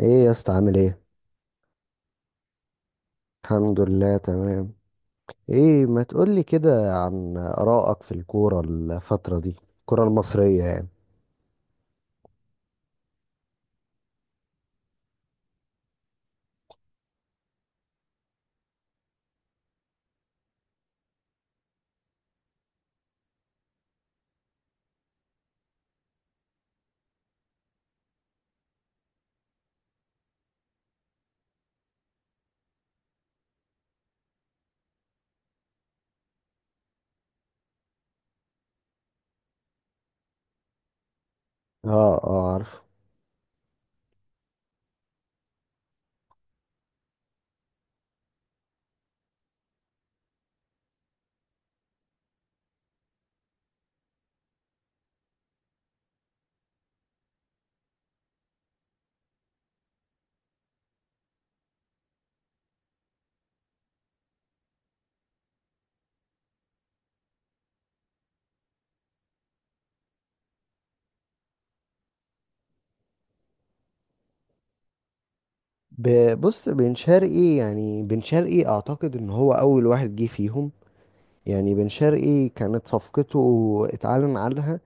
ايه يا اسطى، عامل ايه؟ الحمد لله تمام. ايه ما تقولي كده عن آرائك في الكورة الفترة دي، الكورة المصرية يعني؟ اه اه عارف. بص، بن شرقي يعني بن شرقي اعتقد ان هو اول واحد جه فيهم. يعني بن شرقي كانت صفقته اتعلن عنها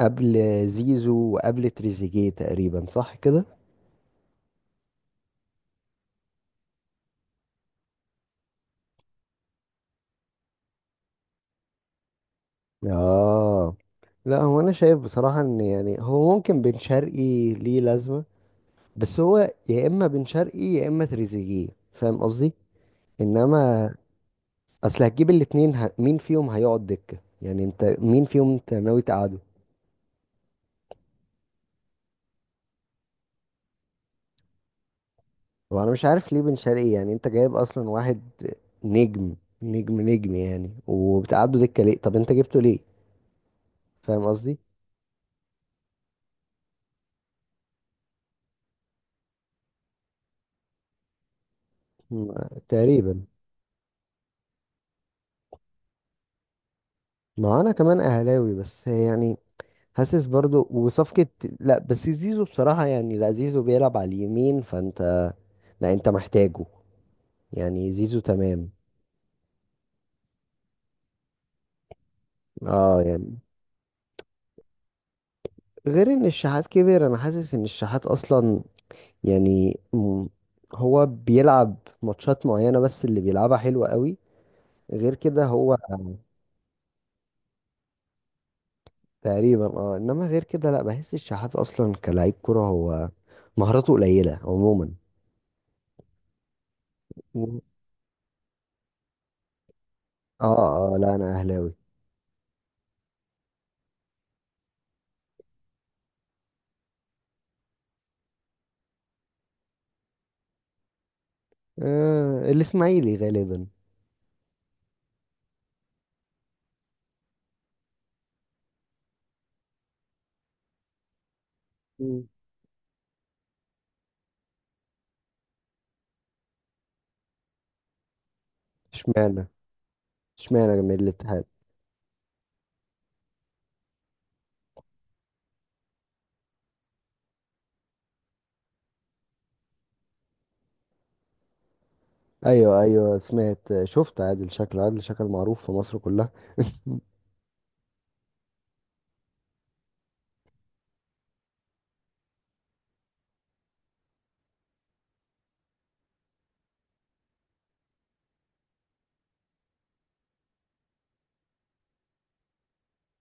قبل زيزو وقبل تريزيجيه تقريبا، صح كده؟ اه. لا هو انا شايف بصراحة ان يعني هو ممكن بن شرقي ليه لازمة، بس هو يا اما بن شرقي يا اما تريزيجيه، فاهم قصدي؟ انما اصل هتجيب الاتنين، مين فيهم هيقعد دكة؟ يعني انت مين فيهم انت ناوي تقعده؟ وانا مش عارف ليه بن شرقي. يعني انت جايب اصلا واحد نجم، نجم يعني، وبتقعده دكة ليه؟ طب انت جبته ليه؟ فاهم قصدي؟ تقريبا. ما انا كمان اهلاوي بس يعني، حاسس برضو. وصفقة، لا بس زيزو بصراحة يعني، لا زيزو بيلعب على اليمين، فانت لا انت محتاجه، يعني زيزو تمام. اه يعني غير ان الشحات كبر، انا حاسس ان الشحات اصلا يعني هو بيلعب ماتشات معينة، بس اللي بيلعبها حلوة قوي. غير كده هو تقريبا، اه. انما غير كده لا، بحس الشحات اصلا كلاعب كرة هو مهاراته قليلة عموما. و- اه اه لا انا اهلاوي. آه الاسماعيلي غالبا. مم. اشمعنى؟ اشمعنى من الاتحاد؟ ايوه ايوه سمعت، شفت عادل شكل، عادل شكل معروف في مصر كلها.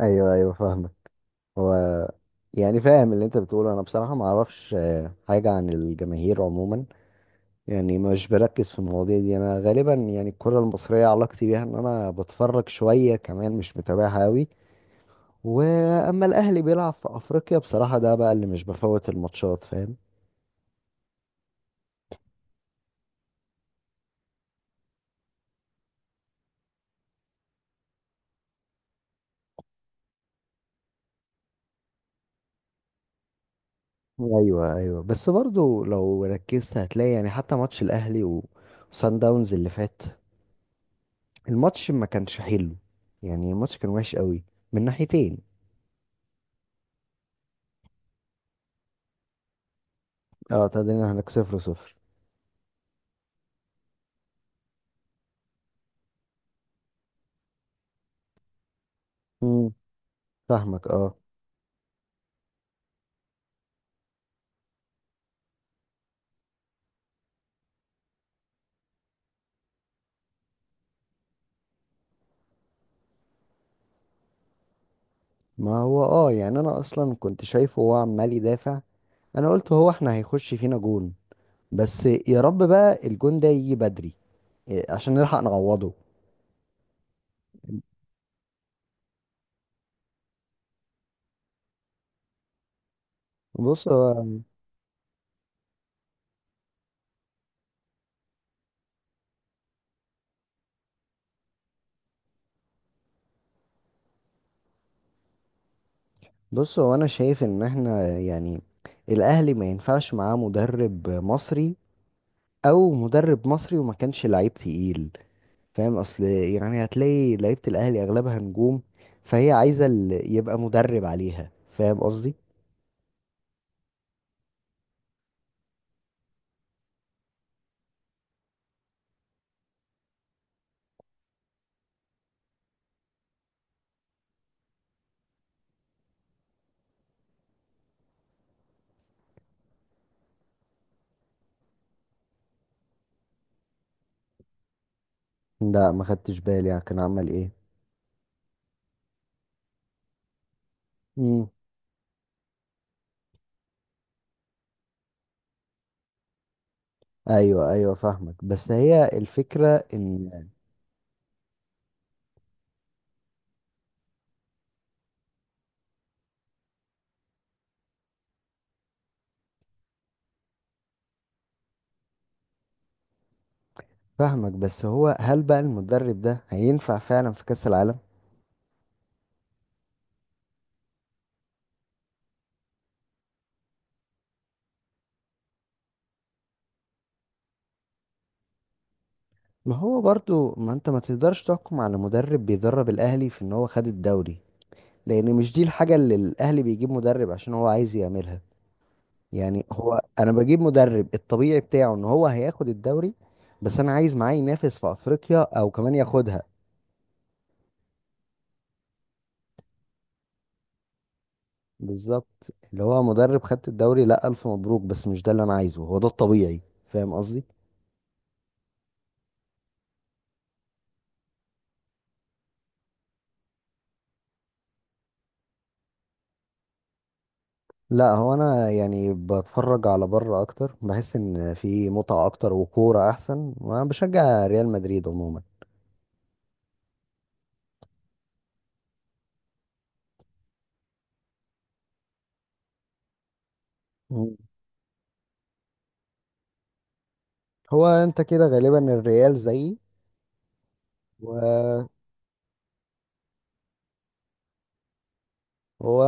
ايوه ايوه فاهمك. هو يعني فاهم اللي انت بتقوله، انا بصراحة ما اعرفش حاجة عن الجماهير عموما. يعني مش بركز في المواضيع دي، انا غالبا يعني الكرة المصرية علاقتي بيها ان انا بتفرج شوية، كمان مش متابعها قوي. واما الاهلي بيلعب في افريقيا بصراحة ده بقى اللي مش بفوت الماتشات، فاهم؟ ايوه ايوه. بس برضو لو ركزت هتلاقي يعني حتى ماتش الاهلي وسان داونز اللي فات، الماتش ما كانش حلو، يعني الماتش كان وحش قوي من ناحيتين. اه تعادلنا هناك صفر صفر. فاهمك اه. ما هو اه يعني انا اصلا كنت شايفه هو عمال يدافع، انا قلت هو احنا هيخش فينا جون، بس يا رب بقى الجون ده يجي بدري، عشان نلحق نعوضه. بص هو بص هو انا شايف ان احنا يعني الاهلي ما ينفعش معاه مدرب مصري، او مدرب مصري وما كانش لعيب تقيل. فاهم؟ اصل يعني هتلاقي لعيبة الاهلي اغلبها نجوم، فهي عايزة اللي يبقى مدرب عليها، فاهم قصدي؟ لا ما خدتش بالي، يعني كان عمل ايه؟ ايوه ايوه فاهمك، بس هي الفكره ان فاهمك، بس هو هل بقى المدرب ده هينفع فعلا في كاس العالم؟ ما هو برضو ما انت ما تقدرش تحكم على مدرب بيدرب الاهلي في ان هو خد الدوري، لان مش دي الحاجه اللي الاهلي بيجيب مدرب عشان هو عايز يعملها. يعني هو انا بجيب مدرب الطبيعي بتاعه ان هو هياخد الدوري، بس انا عايز معاه ينافس في افريقيا او كمان ياخدها. بالظبط. اللي هو مدرب خدت الدوري، لا الف مبروك، بس مش ده اللي انا عايزه، هو ده الطبيعي، فاهم؟ لا هو انا يعني بتفرج على بره اكتر، بحس ان في متعه اكتر وكوره احسن، وانا بشجع ريال مدريد عموما. مم. هو انت كده غالبا الريال زيي. و هو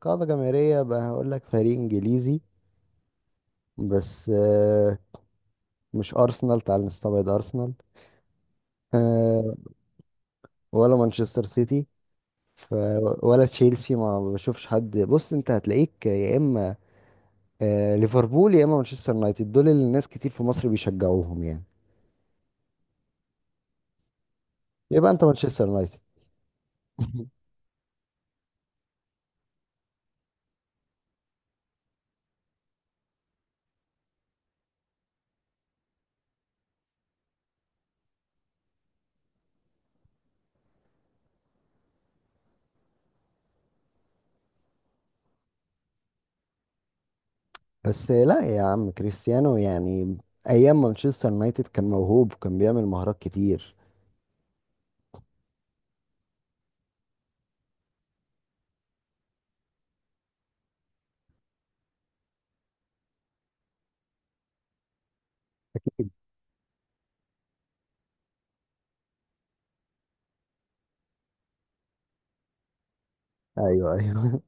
قاعده جماهيريه بقى، هقول لك فريق انجليزي بس، مش ارسنال، تعال نستبعد ارسنال آه، ولا مانشستر سيتي ف... ولا تشيلسي، ما بشوفش حد. بص انت هتلاقيك يا اما ليفربول يا اما مانشستر يونايتد، دول اللي الناس كتير في مصر بيشجعوهم يعني. يبقى انت مانشستر يونايتد. بس لا يا عم كريستيانو يعني ايام مانشستر يونايتد كان موهوب، وكان بيعمل مهارات كتير. ايوه ايوه.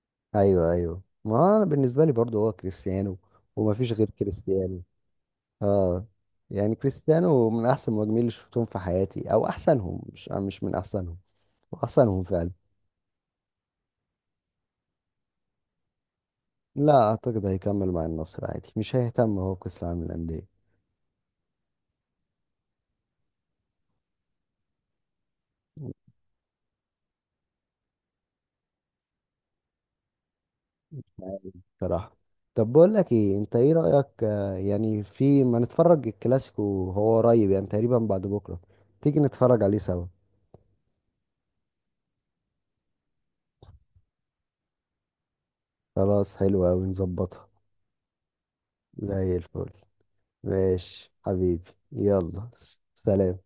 ايوه ايوه، ما هو انا بالنسبه لي برضو هو كريستيانو، ومفيش غير كريستيانو. اه. يعني كريستيانو من احسن المهاجمين اللي شفتهم في حياتي، او احسنهم، مش من احسنهم، احسنهم فعلا. لا اعتقد هيكمل مع النصر عادي، مش هيهتم هو بكاس العالم للانديه. بصراحة طب بقول لك ايه، انت ايه رأيك يعني في ما نتفرج الكلاسيكو، هو قريب يعني تقريبا بعد بكرة، تيجي نتفرج عليه سوا؟ خلاص حلو اوي، نظبطها. زي الفل. ماشي حبيبي، يلا. سلام.